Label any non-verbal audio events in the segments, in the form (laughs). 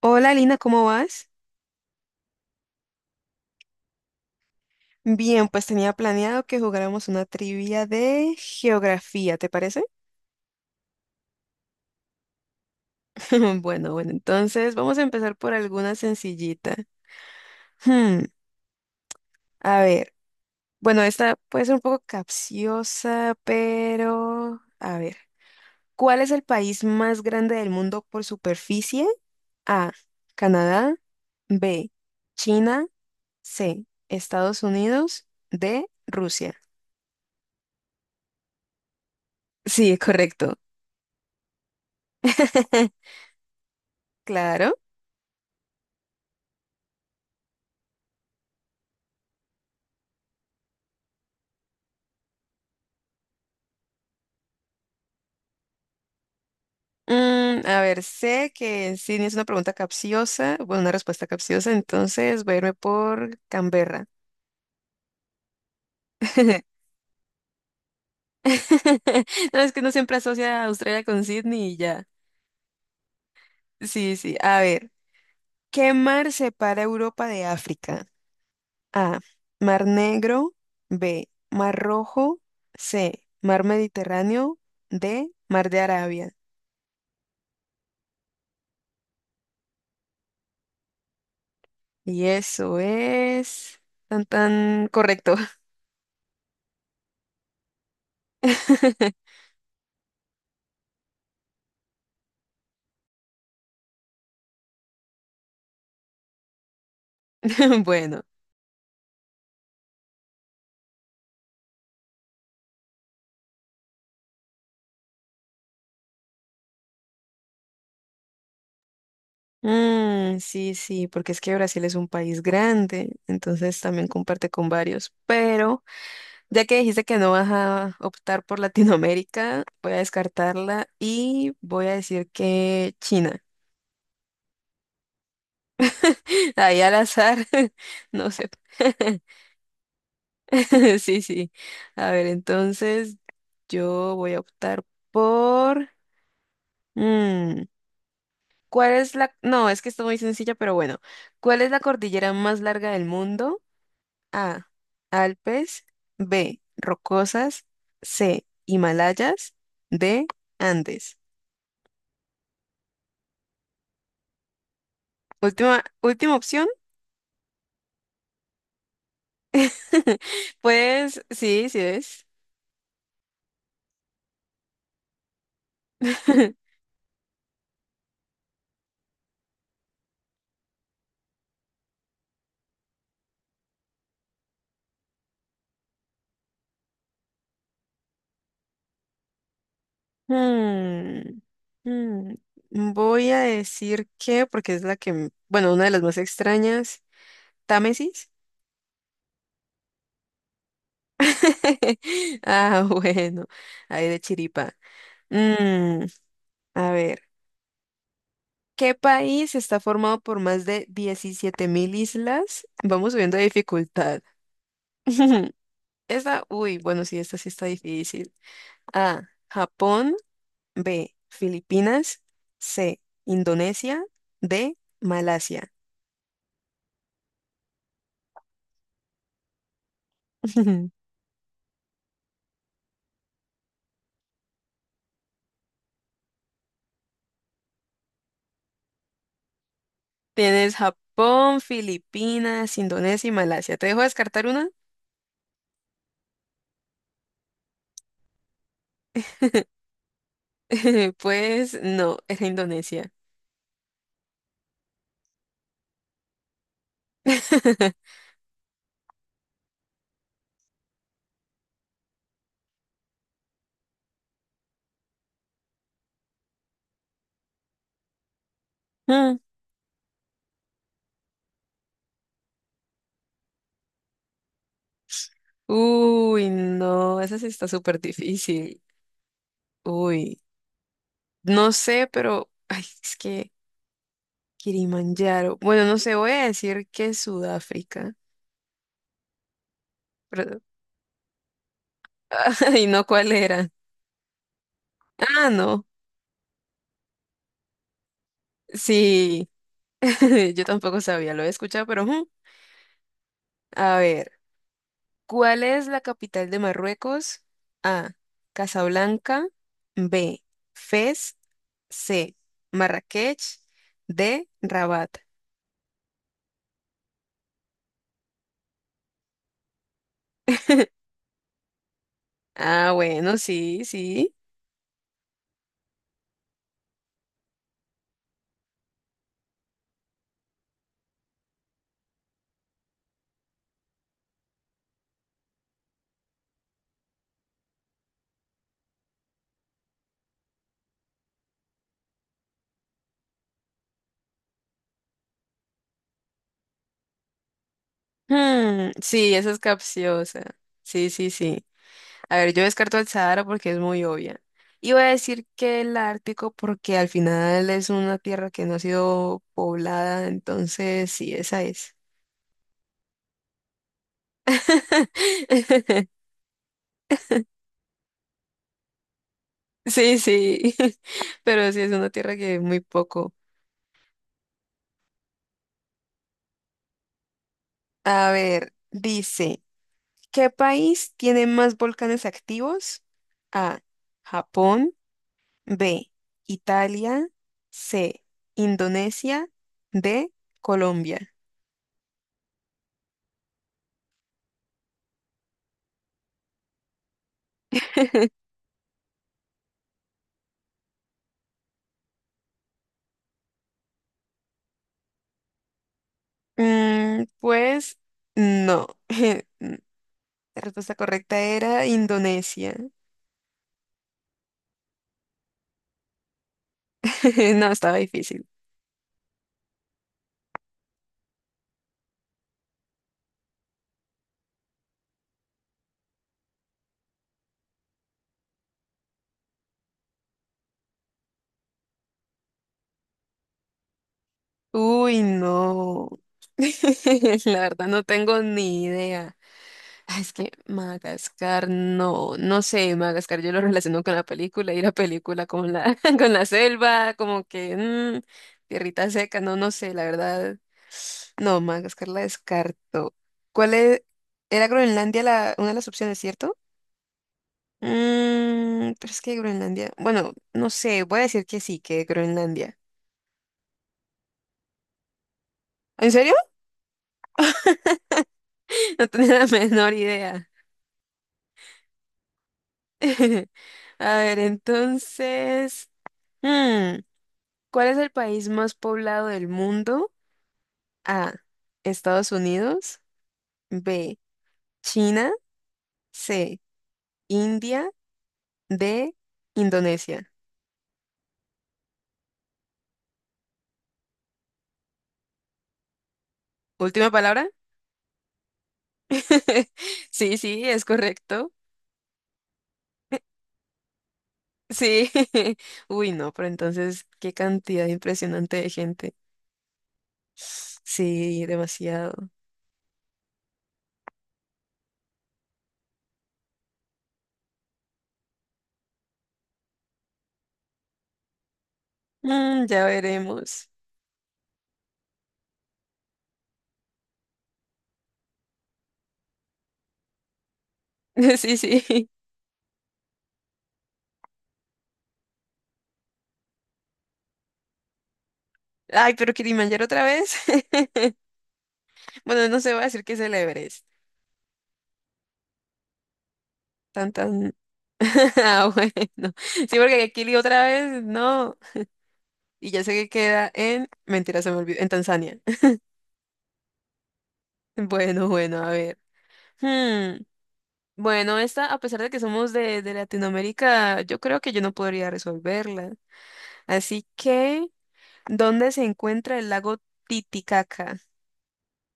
Hola Lina, ¿cómo vas? Bien, pues tenía planeado que jugáramos una trivia de geografía, ¿te parece? (laughs) Bueno, bueno, entonces vamos a empezar por alguna sencillita. Hmm, a ver, bueno, esta puede ser un poco capciosa, pero a ver, ¿cuál es el país más grande del mundo por superficie? A, Canadá, B, China, C, Estados Unidos, D, Rusia. Sí, correcto. (laughs) Claro. Mm, a ver, sé que sí es una pregunta capciosa, bueno, una respuesta capciosa, entonces voy a irme por Canberra. (laughs) (laughs) No, es que no siempre asocia a Australia con Sydney y ya. Sí, sí. A ver, ¿qué mar separa Europa de África? A. Mar Negro. B. Mar Rojo. C. Mar Mediterráneo. D. Mar de Arabia. Y eso es tan tan correcto. (laughs) Bueno. Ah, sí, sí, porque es que Brasil es un país grande, entonces también comparte con varios. Pero ya que dijiste que no vas a optar por Latinoamérica, voy a descartarla y voy a decir que China. (laughs) Ahí al azar, (laughs) no sé. (laughs) Sí, sí. A ver, entonces yo voy a optar por... mm, ¿cuál es la... No, es que está muy sencilla, pero bueno. ¿Cuál es la cordillera más larga del mundo? A. Alpes. B. Rocosas. C. Himalayas. D. Andes. Última, última opción. (laughs) Pues sí, sí es. (laughs) Hmm, hmm, voy a decir que, porque es la que, bueno, una de las más extrañas, Támesis. (laughs) Ah, bueno, ahí de chiripa. Mm, a ver. ¿Qué país está formado por más de 17.000 islas? Vamos subiendo de dificultad. (laughs) Esta, uy, bueno, sí, esta sí está difícil. A, Japón, B, Filipinas, C, Indonesia, D, Malasia. (laughs) Tienes Japón, Filipinas, Indonesia y Malasia. ¿Te dejo descartar una? (laughs) Pues no, era Indonesia. (laughs) Mm. Uy, no, esa sí está súper difícil. Uy. No sé, pero ay, es que Kilimanjaro. Bueno, no sé, voy a decir que es Sudáfrica, pero (laughs) ay, no cuál era. Ah, no. Sí, (laughs) yo tampoco sabía, lo he escuchado, pero ujú. A ver, ¿cuál es la capital de Marruecos? A, Casablanca, B, Fez, C, Marrakech, D, Rabat. Ah, bueno, sí, sí. Hmm, sí, esa es capciosa. Sí, sí, sí. A ver, yo descarto el Sahara porque es muy obvia. Y voy a decir que el Ártico porque al final es una tierra que no ha sido poblada, entonces sí, esa es. (laughs) Sí, sí, (laughs) pero sí es una tierra que es muy poco. A ver, dice, ¿qué país tiene más volcanes activos? A, Japón, B, Italia, C, Indonesia, D, Colombia. Pues no. (laughs) La respuesta correcta era Indonesia. (laughs) No, estaba difícil. Uy, no. (laughs) La verdad no tengo ni idea. Ah, es que Madagascar, no, no sé, Madagascar yo lo relaciono con la película y la película con la, (laughs) con la selva, tierrita seca, no, no sé, la verdad. No, Madagascar la descarto. ¿Cuál es? Era Groenlandia la, una de las opciones, ¿cierto? Pero es que Groenlandia. Bueno, no sé, voy a decir que sí, que Groenlandia. ¿En serio? (laughs) No tenía la menor idea. (laughs) A ver, entonces. mm, ¿Cuál es el país más poblado del mundo? A. Estados Unidos. B. China. C. India. D. Indonesia. Última palabra. (laughs) Sí, sí, es correcto. Sí. (laughs) Uy, no, pero entonces, qué cantidad impresionante de gente. Sí, demasiado. Ya veremos. (laughs) Sí, sí. Ay, pero Kilimanjaro otra vez. (laughs) Bueno, no se va a decir que es el Everest. Tan, tan. (laughs) Ah, bueno. Sí, porque Kili otra vez, no. Y ya sé que queda en. Mentira, se me olvidó. En Tanzania. (laughs) Bueno, bueno, a ver. Hmm, Bueno, esta, a pesar de que somos de Latinoamérica, yo creo que yo no podría resolverla. Así que, ¿dónde se encuentra el lago Titicaca?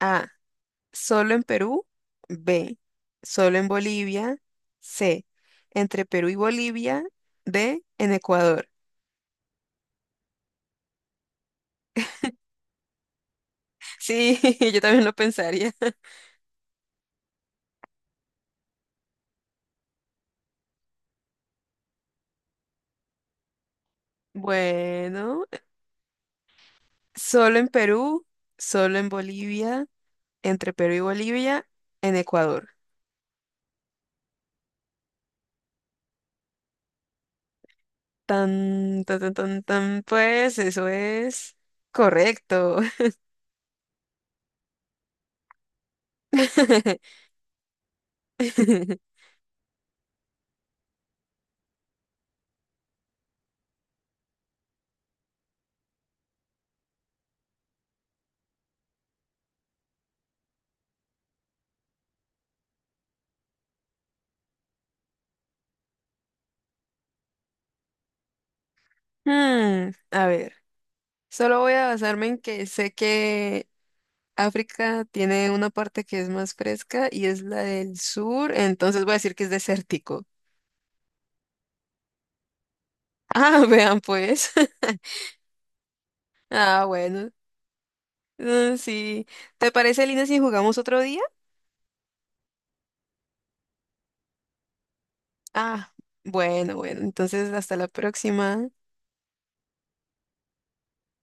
A. Solo en Perú. B. Solo en Bolivia. C. Entre Perú y Bolivia. D. En Ecuador. Sí, (laughs) yo también lo pensaría. (laughs) Bueno, solo en Perú, solo en Bolivia, entre Perú y Bolivia, en Ecuador. Tan, tan, tan, tan, tan, pues eso es correcto. (laughs) A ver, solo voy a basarme en que sé que África tiene una parte que es más fresca y es la del sur, entonces voy a decir que es desértico. Ah, (laughs) vean pues. (laughs) Ah, bueno. Mm, sí. ¿Te parece, Lina, si jugamos otro día? Ah, bueno, bueno. Entonces, hasta la próxima.